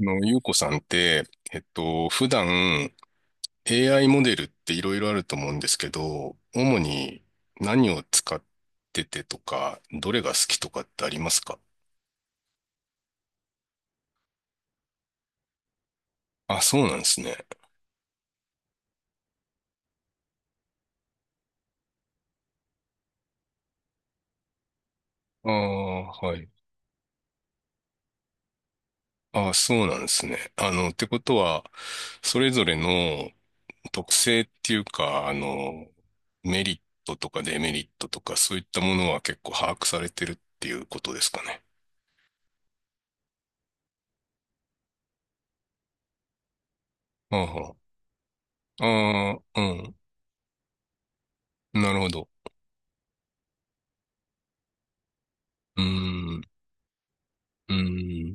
ゆうこさんって、普段 AI モデルっていろいろあると思うんですけど、主に何を使っててとか、どれが好きとかってありますか？あ、そうなんですね。ああ、はい。ああ、そうなんですね。あの、ってことは、それぞれの特性っていうか、メリットとかデメリットとか、そういったものは結構把握されてるっていうことですかね。ああ、ああ、うん。なるほど。うーん。うーん、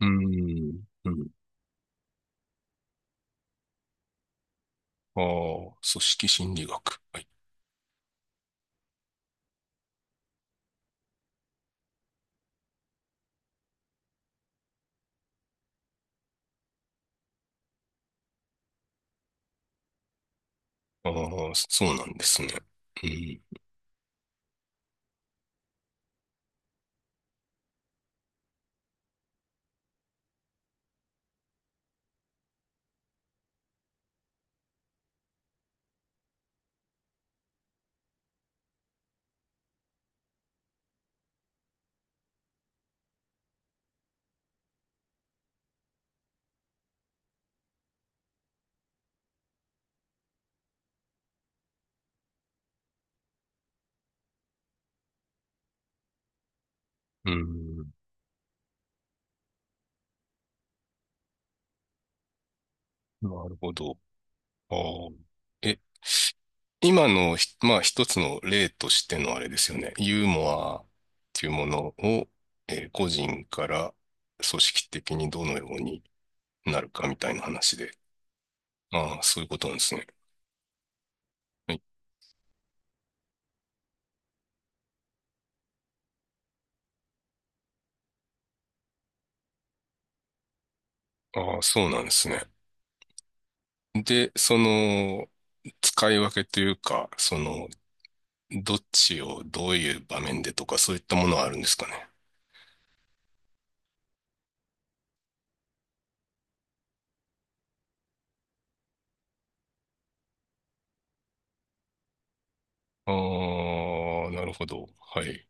うーん、うん。ああ、組織心理学。はい。ああ、そうなんですね。うん、うん、なるほど。ああ。え、今のひ、まあ、一つの例としてのあれですよね。ユーモアっていうものを、えー個人から組織的にどのようになるかみたいな話で。ああ、そういうことなんですね。はい。ああ、そうなんですね。で、その、使い分けというか、その、どっちをどういう場面でとかそういったものはあるんですかね。ああ、なるほど。はい。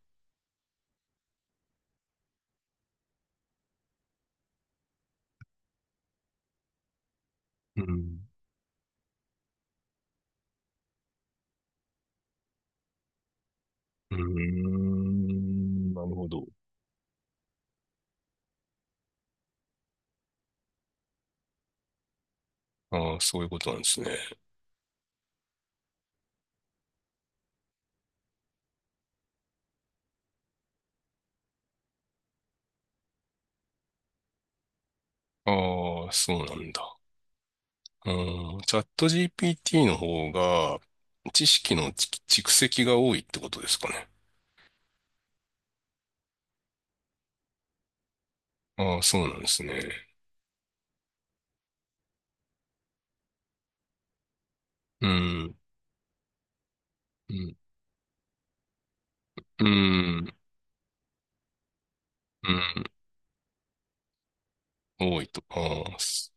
うん。うーん、なるほど。ああ、そういうことなんですね。ああ、そうなんだ。うん、チャット GPT の方が知識のち蓄積が多いってことですかね。ああ、そうなんですね。うん、うん、うん、うん、多いと。ああ、す、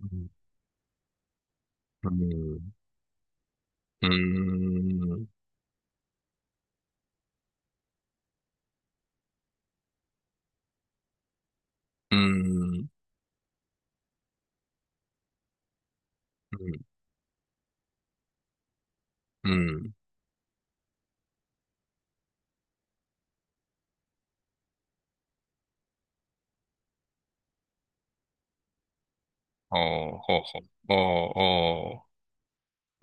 うん、うん、うん、うん、うんうん。ああ、はあ、はあ、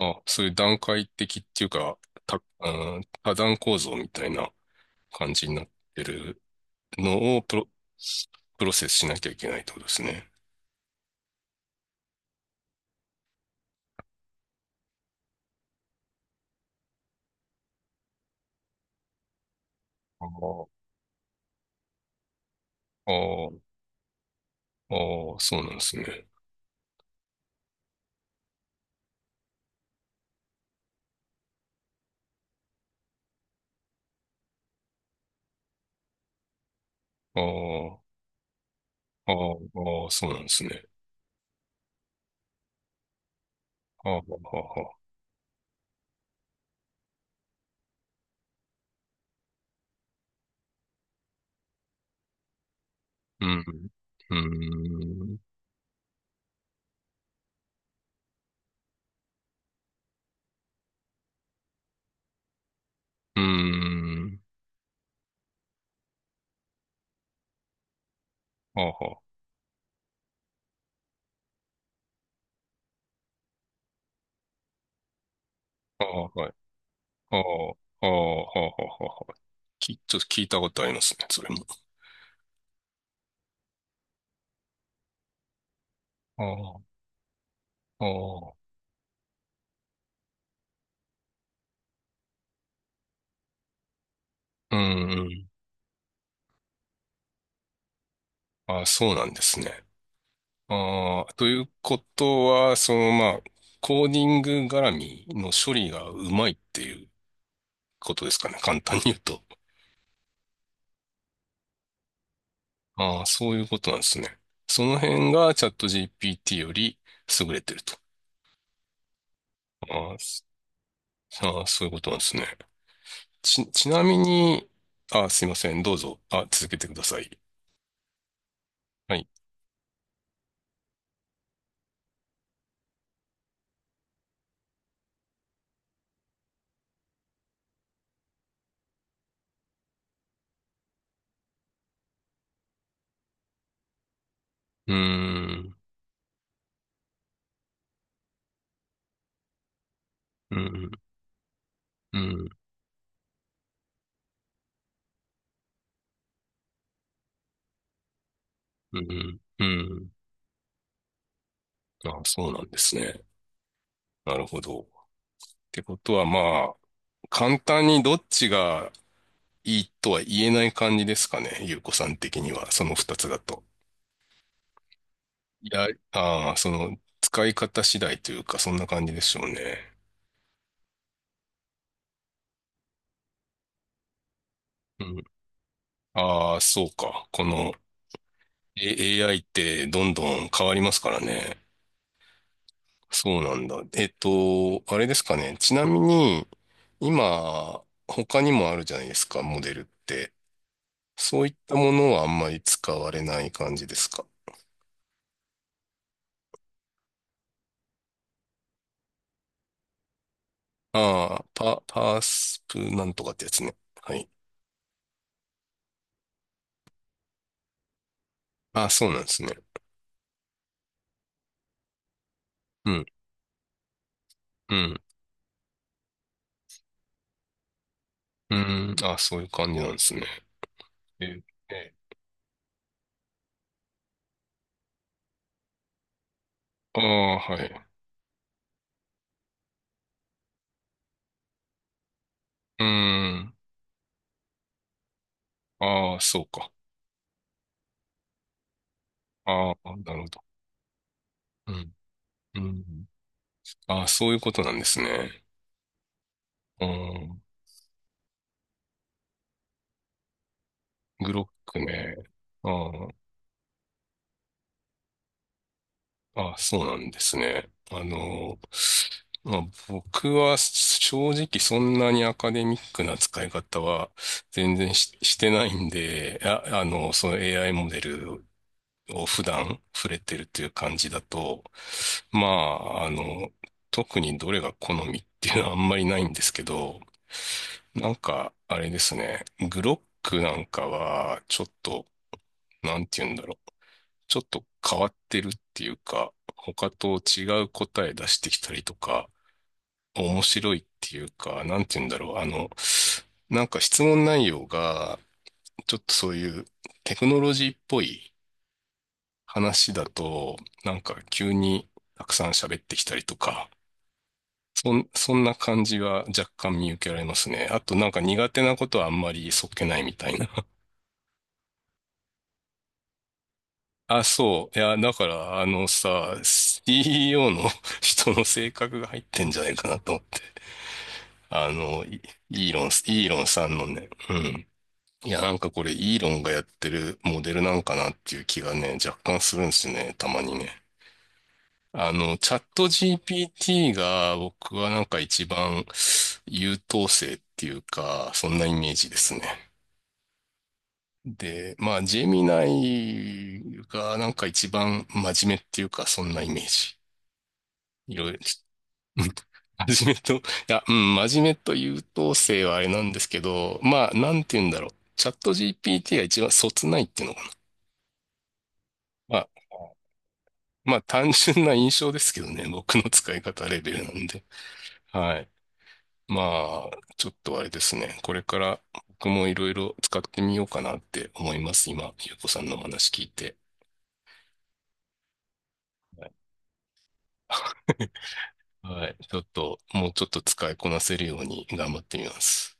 ああ、ああ、あ、そういう段階的っていうか、うん、多段構造みたいな感じになってるのをプロセスしなきゃいけないってことですね。ああ、ああ、ああ、そうなんですね。ああ、ああ、ああ、そうなんですね。ああ、はあ、はあ、うん、うん、うん、ああ、はあ、ああ、はい。ああ、ああ、はあ、はあ、はあ、き、ちょっと聞いたことありますね、それも。ああ、ああ、うんうん。ああ、そうなんですね。ああ、ということは、その、まあ、コーディング絡みの処理がうまいっていうことですかね。簡単に言うと。ああ、そういうことなんですね。その辺がチャット GPT より優れてると。ああ、す、ああ、そういうことなんですね。ちなみに、あ、すいません。どうぞ。あ、続けてください。はい。うーん、うん、うん、うん、うん。あ、そうなんですね。なるほど。ってことはまあ、簡単にどっちがいいとは言えない感じですかね、ゆうこさん的には、その二つだと。いや、ああ、その、使い方次第というか、そんな感じでしょうね。うん。ああ、そうか。この、AI ってどんどん変わりますからね。そうなんだ。あれですかね。ちなみに、今、他にもあるじゃないですか、モデルって。そういったものはあんまり使われない感じですか？ああ、パースプなんとかってやつね。はい。ああ、そうなんですね。うん、うん、うん。ああ、そういう感じなんですね。ええ、ああ、はい。うーん。ああ、そうか。ああ、なるほど。うん、うん。ああ、そういうことなんですね。うん。グロックね。ああ。あ、そうなんですね。まあ、僕は正直そんなにアカデミックな使い方は全然し、してないんで、あ、あの、その AI モデルを普段触れてるという感じだと、まあ、あの、特にどれが好みっていうのはあんまりないんですけど、なんか、あれですね、グロックなんかはちょっと、なんて言うんだろう。ちょっと変わってるっていうか、他と違う答え出してきたりとか、面白いっていうか、なんて言うんだろう。あの、なんか質問内容が、ちょっとそういうテクノロジーっぽい話だと、なんか急にたくさん喋ってきたりとか、そんな感じが若干見受けられますね。あとなんか苦手なことはあんまりそっけないみたいな。あ、そう。いや、だから、あのさ、CEO の 人の性格が入ってんじゃないかなと思って。あの、イーロンさんのね、うん。いや、なんかこれ、イーロンがやってるモデルなんかなっていう気がね、若干するんですね、たまにね。あの、チャット GPT が僕はなんか一番優等生っていうか、そんなイメージですね。で、まあ、ジェミナイがなんか一番真面目っていうか、そんなイメージ。いろいろ、うん、 真面目と、いや、うん、真面目と優等生はあれなんですけど、まあ、なんて言うんだろう。チャット GPT が一番そつないっていうのかな。まあ、まあ、単純な印象ですけどね、僕の使い方レベルなんで。はい。まあ、ちょっとあれですね。これから僕もいろいろ使ってみようかなって思います。今、ゆうこさんのお話聞いて。はい。はい、ちょっと、もうちょっと使いこなせるように頑張ってみます。